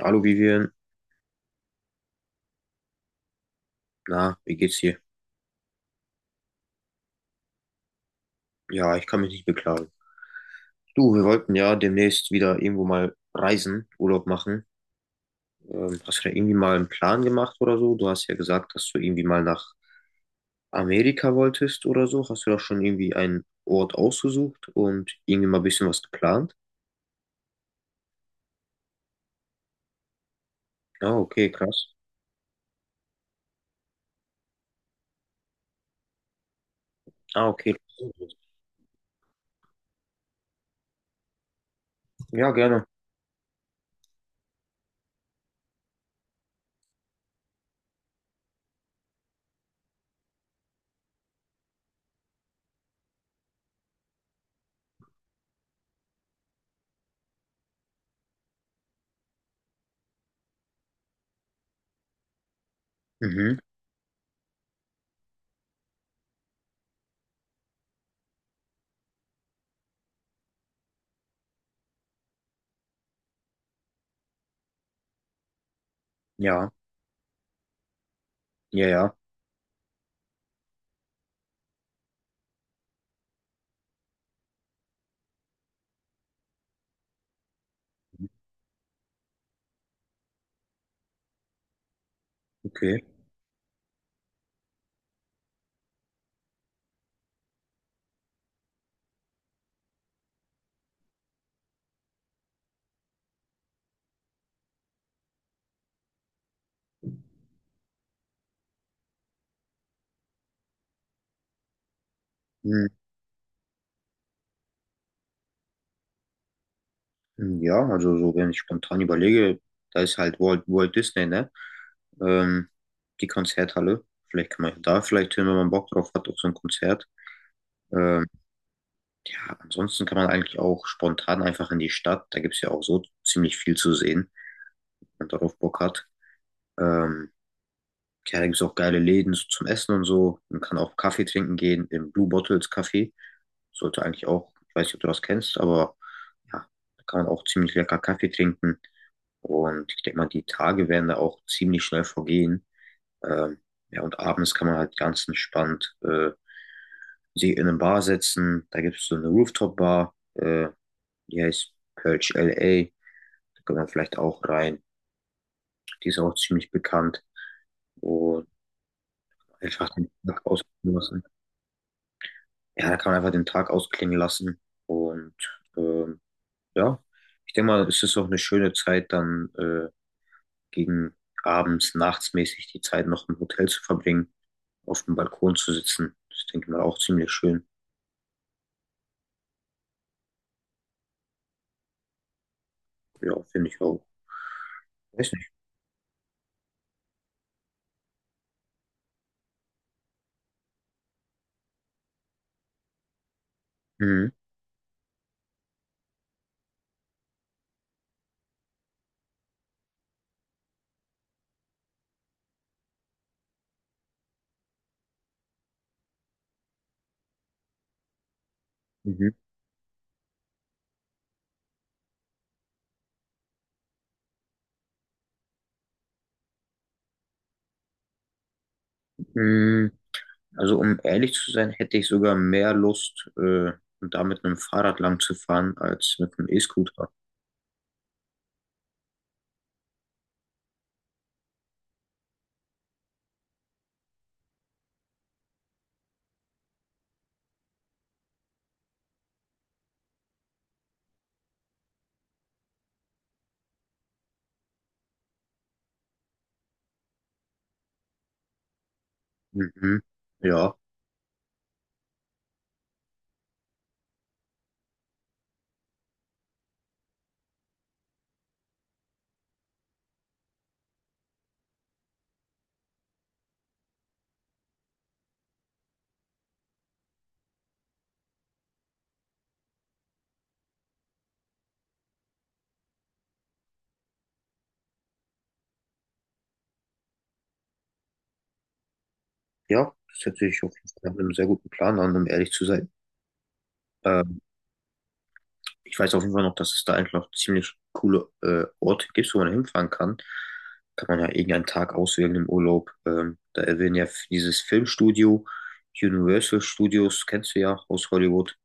Hallo Vivian, na, wie geht's dir? Ja, ich kann mich nicht beklagen. Du, wir wollten ja demnächst wieder irgendwo mal reisen, Urlaub machen. Hast du da irgendwie mal einen Plan gemacht oder so? Du hast ja gesagt, dass du irgendwie mal nach Amerika wolltest oder so. Hast du da schon irgendwie einen Ort ausgesucht und irgendwie mal ein bisschen was geplant? Ah, okay, krass. Ah, okay. Ja, gerne. Mhm. Ja, ja, ja, okay. Hm. Hm. Ja, also so, wenn ich spontan überlege, da ist halt Walt Disney, ne? ähm, Die Konzerthalle. Vielleicht kann man ja da vielleicht hin, wenn man Bock drauf hat, auf so ein Konzert. Ähm, ja, ansonsten kann man eigentlich auch spontan einfach in die Stadt. Da gibt es ja auch so ziemlich viel zu sehen, wenn man darauf Bock hat. Ähm, ja, da gibt es auch geile Läden so zum Essen und so. Man kann auch Kaffee trinken gehen im Blue Bottles Café. Sollte eigentlich auch, ich weiß nicht, ob du das kennst, aber ja, da kann man auch ziemlich lecker Kaffee trinken. Und ich denke mal, die Tage werden da auch ziemlich schnell vergehen. Ähm, ja, und abends kann man halt ganz entspannt sich in eine Bar setzen. Da gibt es so eine Rooftop-Bar, die heißt Perch LA. Da kann man vielleicht auch rein. Die ist auch ziemlich bekannt. Und einfach den Tag ausklingen lassen. Ja, da kann man einfach den Tag ausklingen lassen. Und ähm, ja, ich denke mal, es ist auch eine schöne Zeit, dann gegen abends, nachts mäßig die Zeit noch im Hotel zu verbringen, auf dem Balkon zu sitzen. Das denke ich mal auch ziemlich schön. Ja, finde ich auch. Weiß nicht. Mhm. Mhm. Mhm. Also um ehrlich zu sein, hätte ich sogar mehr Lust, da mit einem Fahrrad lang zu fahren, als mit einem E-Scooter. Mhm. Ja, ja, das hört sich auf jeden Fall nach einem sehr guten Plan an, um ehrlich zu sein. Ähm, Ich weiß auf jeden Fall noch, dass es da eigentlich noch ziemlich coole Orte gibt, wo man hinfahren kann. Kann man ja irgendeinen Tag auswählen im Urlaub. Da erwähnen ja dieses Filmstudio, Universal Studios, kennst du ja aus Hollywood.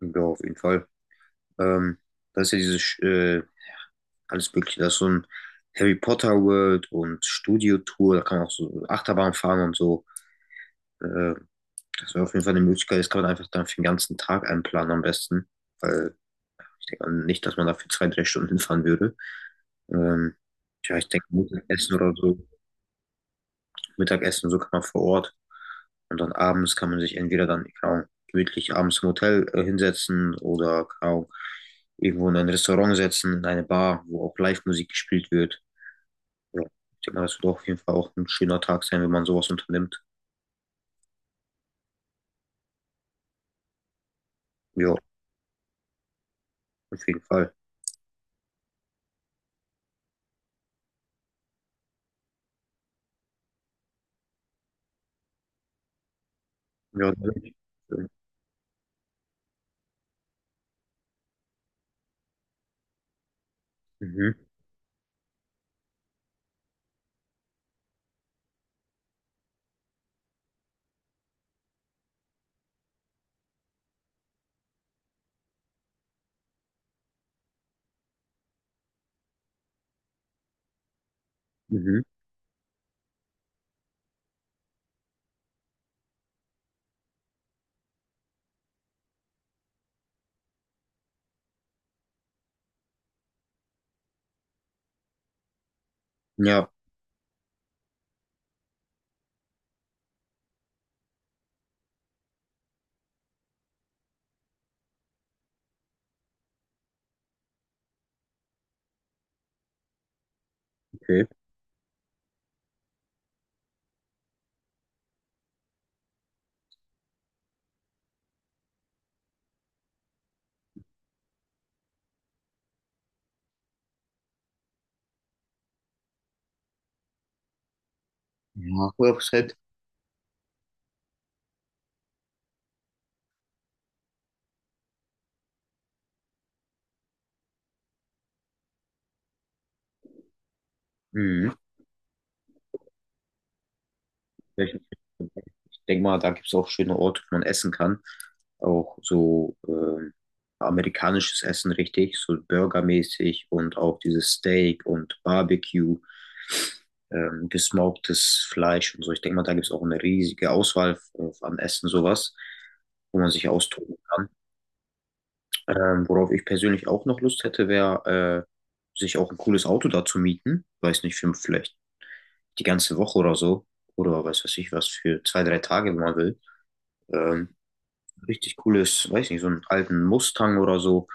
Ja, auf jeden Fall. Ähm, Da ist ja dieses alles Mögliche. Da ist so ein Harry Potter World und Studio Tour. Da kann man auch so Achterbahn fahren und so. Äh, Das wäre auf jeden Fall eine Möglichkeit. Das kann man einfach dann für den ganzen Tag einplanen am besten. Weil ich denke nicht, dass man da für zwei, drei Stunden hinfahren würde. Ähm, ja, ich denke, Mittagessen oder so. Mittagessen, so kann man vor Ort. Und dann abends kann man sich entweder dann, keine Ahnung, gemütlich abends im Hotel hinsetzen oder, keine Ahnung, irgendwo in ein Restaurant setzen, in eine Bar, wo auch Live-Musik gespielt wird. Ja, ich denke mal, das wird auf jeden Fall auch ein schöner Tag sein, wenn man sowas unternimmt. Ja, auf jeden Fall. Ja, mhm, mhm. Ja, okay. Ja, Website. Mhm. Denke mal, da gibt es auch schöne Orte, wo man essen kann. Auch so amerikanisches Essen richtig, so burgermäßig und auch dieses Steak und Barbecue, gesmoktes Fleisch und so. Ich denke mal, da gibt es auch eine riesige Auswahl an Essen, sowas, wo man sich austoben kann. Worauf ich persönlich auch noch Lust hätte, wäre, sich auch ein cooles Auto da zu mieten. Weiß nicht, für vielleicht die ganze Woche oder so. Oder weiß was ich was, für zwei, drei Tage, wenn man will. Ähm, Richtig cooles, weiß nicht, so einen alten Mustang oder so,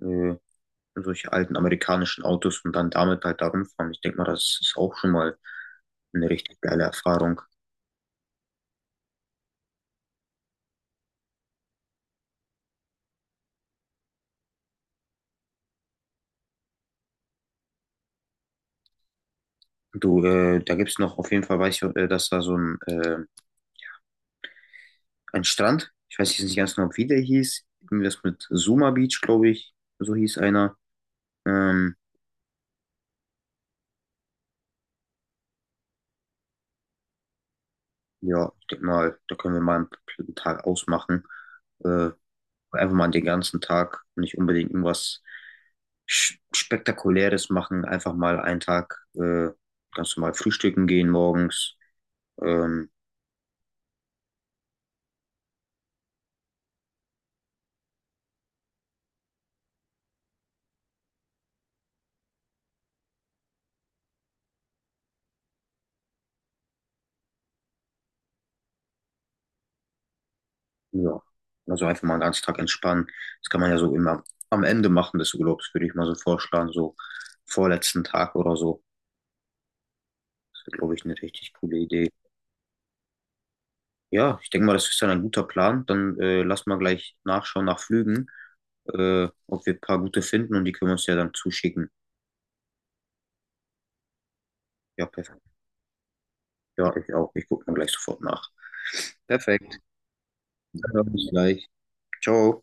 äh, solche alten amerikanischen Autos und dann damit halt da rumfahren. Ich denke mal, das ist auch schon mal eine richtig geile Erfahrung. Du, da gibt's noch auf jeden Fall, weiß ich, dass da so ein Strand, ich weiß jetzt nicht ganz genau, wie der hieß, irgendwas mit Zuma Beach, glaube ich, so hieß einer. Ähm, ja, ich denke mal, da können wir mal einen Tag ausmachen. Äh, Einfach mal den ganzen Tag nicht unbedingt irgendwas Spektakuläres machen. Einfach mal einen Tag ganz normal frühstücken gehen morgens. Ähm, ja, also einfach mal einen ganzen Tag entspannen. Das kann man ja so immer am Ende machen des Urlaubs, würde ich mal so vorschlagen. So vorletzten Tag oder so. Das wäre, glaube ich, eine richtig coole Idee. Ja, ich denke mal, das ist dann ein guter Plan. Dann lass mal gleich nachschauen nach Flügen, ob wir ein paar gute finden und die können wir uns ja dann zuschicken. Ja, perfekt. Ja, ich auch. Ich gucke dann gleich sofort nach. Perfekt. Dann bis gleich. Ciao.